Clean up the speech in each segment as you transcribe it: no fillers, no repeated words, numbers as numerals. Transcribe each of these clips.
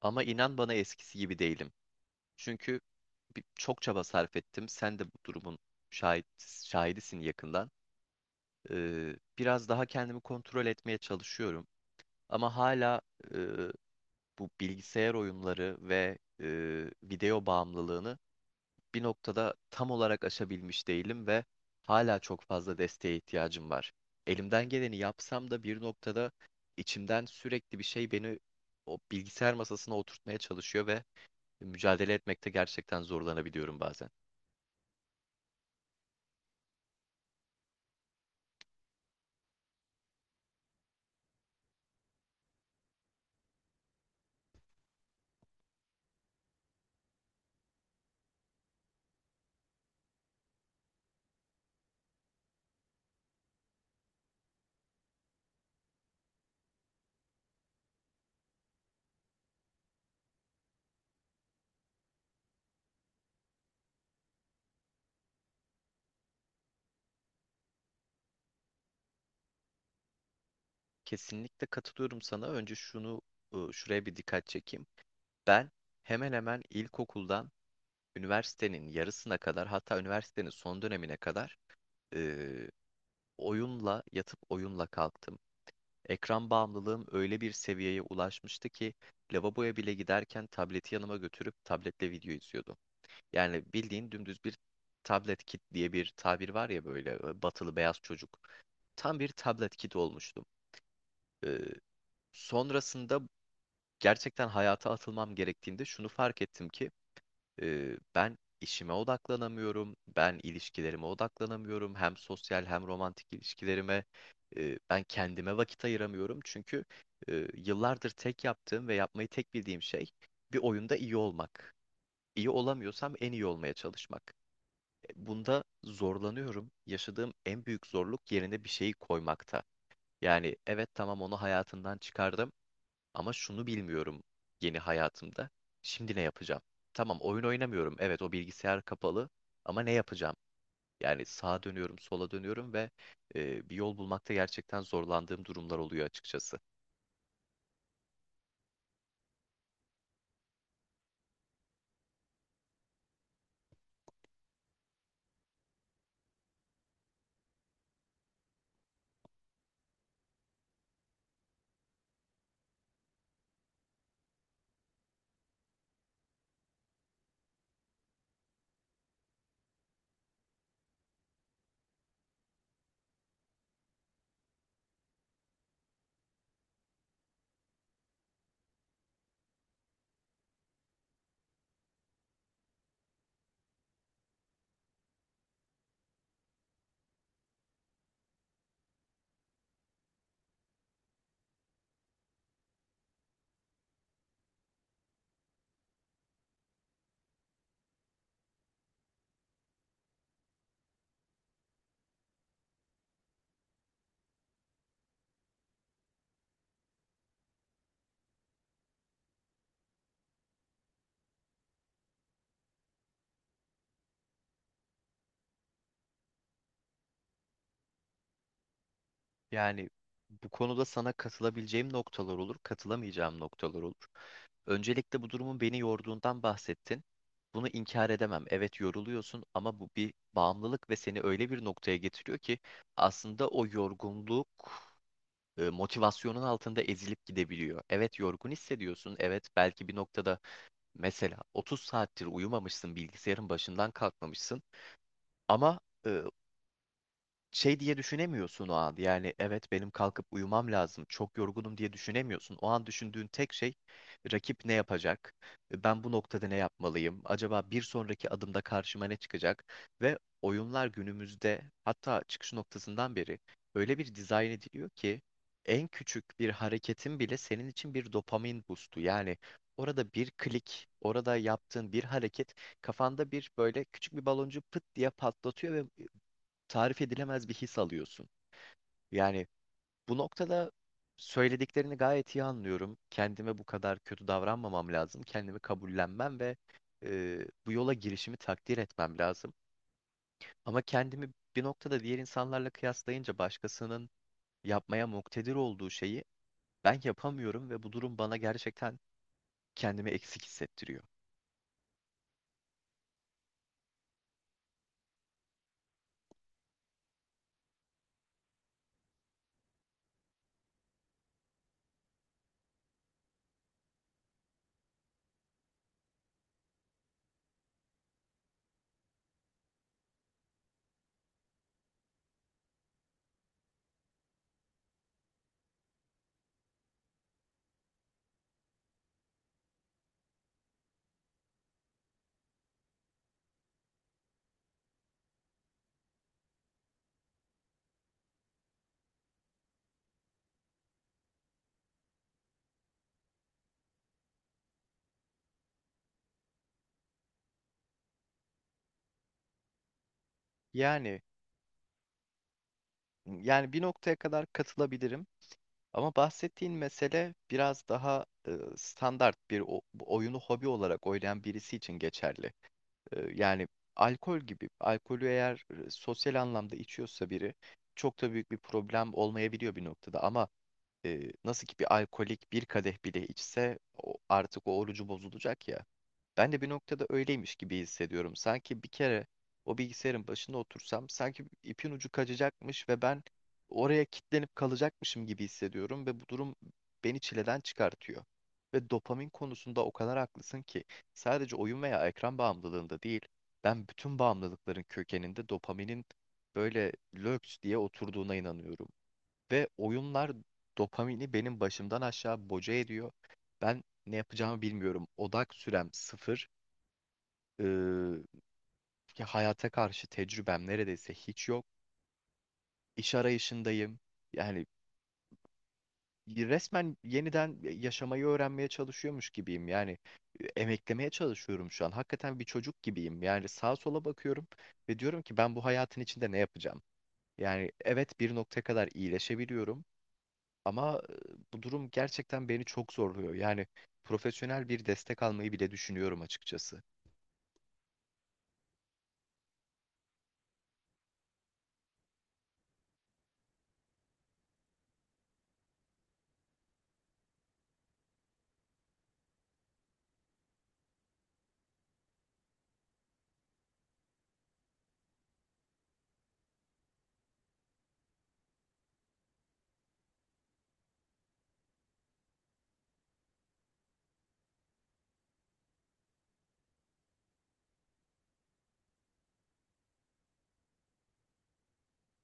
Ama inan bana eskisi gibi değilim. Çünkü çok çaba sarf ettim. Sen de bu durumun şahit, şahidisin yakından. Biraz daha kendimi kontrol etmeye çalışıyorum. Ama hala e, bu bilgisayar oyunları ve video bağımlılığını bir noktada tam olarak aşabilmiş değilim ve hala çok fazla desteğe ihtiyacım var. Elimden geleni yapsam da bir noktada içimden sürekli bir şey beni o bilgisayar masasına oturtmaya çalışıyor ve mücadele etmekte gerçekten zorlanabiliyorum bazen. Kesinlikle katılıyorum sana. Önce şunu şuraya bir dikkat çekeyim. Ben hemen hemen ilkokuldan üniversitenin yarısına kadar hatta üniversitenin son dönemine kadar e, oyunla yatıp oyunla kalktım. Ekran bağımlılığım öyle bir seviyeye ulaşmıştı ki lavaboya bile giderken tableti yanıma götürüp tabletle video izliyordum. Yani bildiğin dümdüz bir tablet kit diye bir tabir var ya böyle batılı beyaz çocuk. Tam bir tablet kit olmuştum. Ee, Sonrasında gerçekten hayata atılmam gerektiğinde şunu fark ettim ki ben işime odaklanamıyorum, ben ilişkilerime odaklanamıyorum, hem sosyal hem romantik ilişkilerime ben kendime vakit ayıramıyorum çünkü yıllardır tek yaptığım ve yapmayı tek bildiğim şey bir oyunda iyi olmak. İyi olamıyorsam en iyi olmaya çalışmak. Bunda zorlanıyorum. Yaşadığım en büyük zorluk yerine bir şeyi koymakta. Yani evet tamam onu hayatından çıkardım. Ama şunu bilmiyorum yeni hayatımda. Şimdi ne yapacağım? Tamam oyun oynamıyorum. Evet o bilgisayar kapalı ama ne yapacağım? Yani sağa dönüyorum, sola dönüyorum ve bir yol bulmakta gerçekten zorlandığım durumlar oluyor açıkçası. Yani bu konuda sana katılabileceğim noktalar olur, katılamayacağım noktalar olur. Öncelikle bu durumun beni yorduğundan bahsettin. Bunu inkar edemem. Evet yoruluyorsun ama bu bir bağımlılık ve seni öyle bir noktaya getiriyor ki aslında o yorgunluk motivasyonun altında ezilip gidebiliyor. Evet yorgun hissediyorsun. Evet belki bir noktada mesela 30 saattir uyumamışsın, bilgisayarın başından kalkmamışsın. Ama e, şey diye düşünemiyorsun o an. Yani evet benim kalkıp uyumam lazım. Çok yorgunum diye düşünemiyorsun. O an düşündüğün tek şey rakip ne yapacak? Ben bu noktada ne yapmalıyım? Acaba bir sonraki adımda karşıma ne çıkacak? Ve oyunlar günümüzde hatta çıkış noktasından beri öyle bir dizayn ediliyor ki en küçük bir hareketin bile senin için bir dopamin boostu. Yani orada bir klik, orada yaptığın bir hareket kafanda bir böyle küçük bir baloncu pıt diye patlatıyor ve tarif edilemez bir his alıyorsun. Yani bu noktada söylediklerini gayet iyi anlıyorum. Kendime bu kadar kötü davranmamam lazım. Kendimi kabullenmem ve e, bu yola girişimi takdir etmem lazım. Ama kendimi bir noktada diğer insanlarla kıyaslayınca başkasının yapmaya muktedir olduğu şeyi ben yapamıyorum ve bu durum bana gerçekten kendimi eksik hissettiriyor. Yani Yani bir noktaya kadar katılabilirim ama bahsettiğin mesele biraz daha standart bir bu oyunu hobi olarak oynayan birisi için geçerli. Yani alkol gibi, alkolü eğer sosyal anlamda içiyorsa biri çok da büyük bir problem olmayabiliyor bir noktada ama e, nasıl ki bir alkolik bir kadeh bile içse artık o orucu bozulacak ya. Ben de bir noktada öyleymiş gibi hissediyorum. Sanki bir kere o bilgisayarın başında otursam sanki ipin ucu kaçacakmış ve ben oraya kilitlenip kalacakmışım gibi hissediyorum ve bu durum beni çileden çıkartıyor. Ve dopamin konusunda o kadar haklısın ki sadece oyun veya ekran bağımlılığında değil, ben bütün bağımlılıkların kökeninde dopaminin böyle löps diye oturduğuna inanıyorum. Ve oyunlar dopamini benim başımdan aşağı boca ediyor. Ben ne yapacağımı bilmiyorum. Odak sürem sıfır. Ee, Ya hayata karşı tecrübem neredeyse hiç yok. İş arayışındayım. Yani resmen yeniden yaşamayı öğrenmeye çalışıyormuş gibiyim. Yani emeklemeye çalışıyorum şu an. Hakikaten bir çocuk gibiyim. Yani sağa sola bakıyorum ve diyorum ki ben bu hayatın içinde ne yapacağım? Yani evet bir noktaya kadar iyileşebiliyorum. Ama bu durum gerçekten beni çok zorluyor. Yani profesyonel bir destek almayı bile düşünüyorum açıkçası.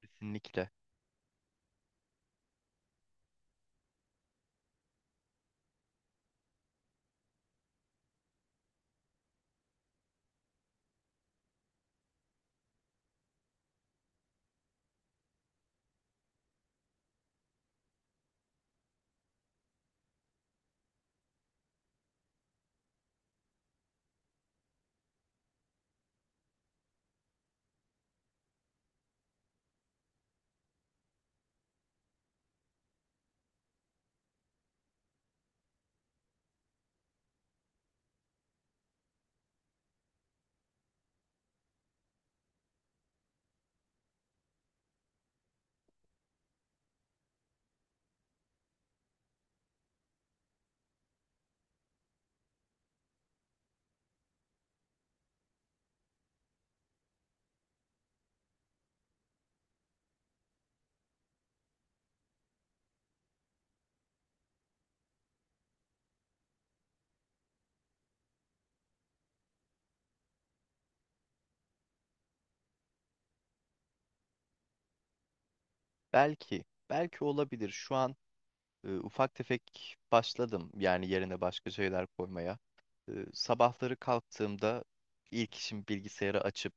Kesinlikle. Belki, belki olabilir. Şu an ufak tefek başladım. Yani yerine başka şeyler koymaya. Sabahları kalktığımda ilk işim bilgisayarı açıp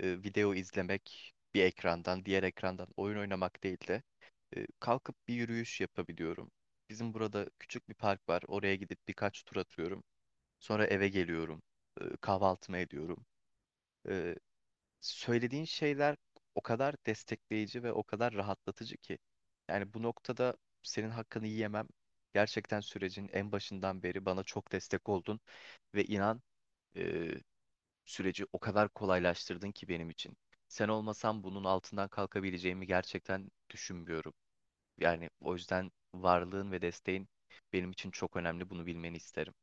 video izlemek bir ekrandan, diğer ekrandan oyun oynamak değil de kalkıp bir yürüyüş yapabiliyorum. Bizim burada küçük bir park var. Oraya gidip birkaç tur atıyorum. Sonra eve geliyorum. Kahvaltımı ediyorum. E, Söylediğin şeyler o kadar destekleyici ve o kadar rahatlatıcı ki. Yani bu noktada senin hakkını yiyemem. Gerçekten sürecin en başından beri bana çok destek oldun ve inan e, süreci o kadar kolaylaştırdın ki benim için. Sen olmasan bunun altından kalkabileceğimi gerçekten düşünmüyorum. Yani o yüzden varlığın ve desteğin benim için çok önemli. Bunu bilmeni isterim.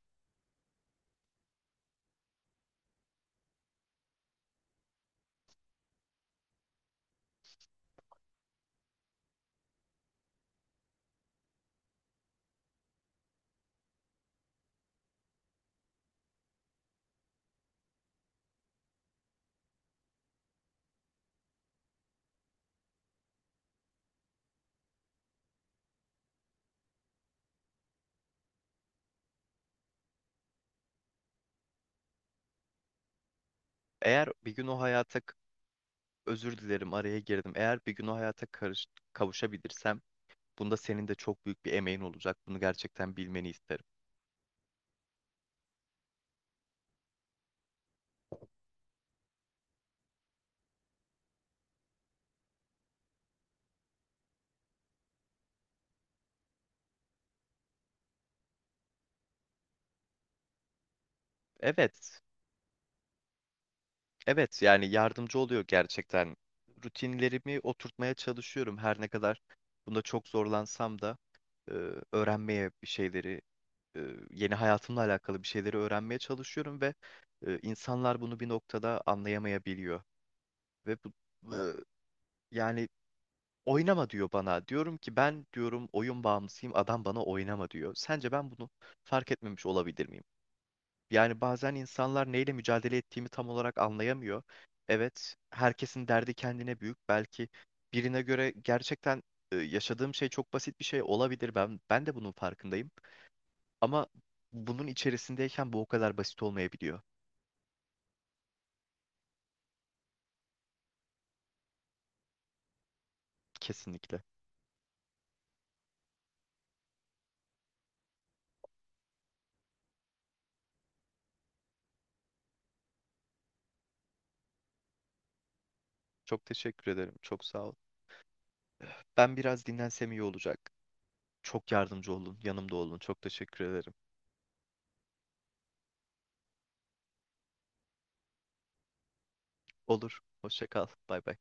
Eğer bir gün o hayata Özür dilerim araya girdim. Eğer bir gün o hayata kavuşabilirsem bunda senin de çok büyük bir emeğin olacak. Bunu gerçekten bilmeni isterim. Evet. Evet yani yardımcı oluyor gerçekten. Rutinlerimi oturtmaya çalışıyorum her ne kadar bunda çok zorlansam da e, öğrenmeye bir şeyleri e, yeni hayatımla alakalı bir şeyleri öğrenmeye çalışıyorum ve insanlar bunu bir noktada anlayamayabiliyor ve bu e, yani Oynama diyor bana. Diyorum ki ben diyorum oyun bağımlısıyım. Adam bana oynama diyor. Sence ben bunu fark etmemiş olabilir miyim? Yani bazen insanlar neyle mücadele ettiğimi tam olarak anlayamıyor. Evet, herkesin derdi kendine büyük. Belki birine göre gerçekten yaşadığım şey çok basit bir şey olabilir. Ben de bunun farkındayım. Ama bunun içerisindeyken bu o kadar basit olmayabiliyor. Kesinlikle. Çok teşekkür ederim. Çok sağ ol. Ben biraz dinlensem iyi olacak. Çok yardımcı olun. Yanımda olun. Çok teşekkür ederim. Olur. Hoşça kal. Bay bay.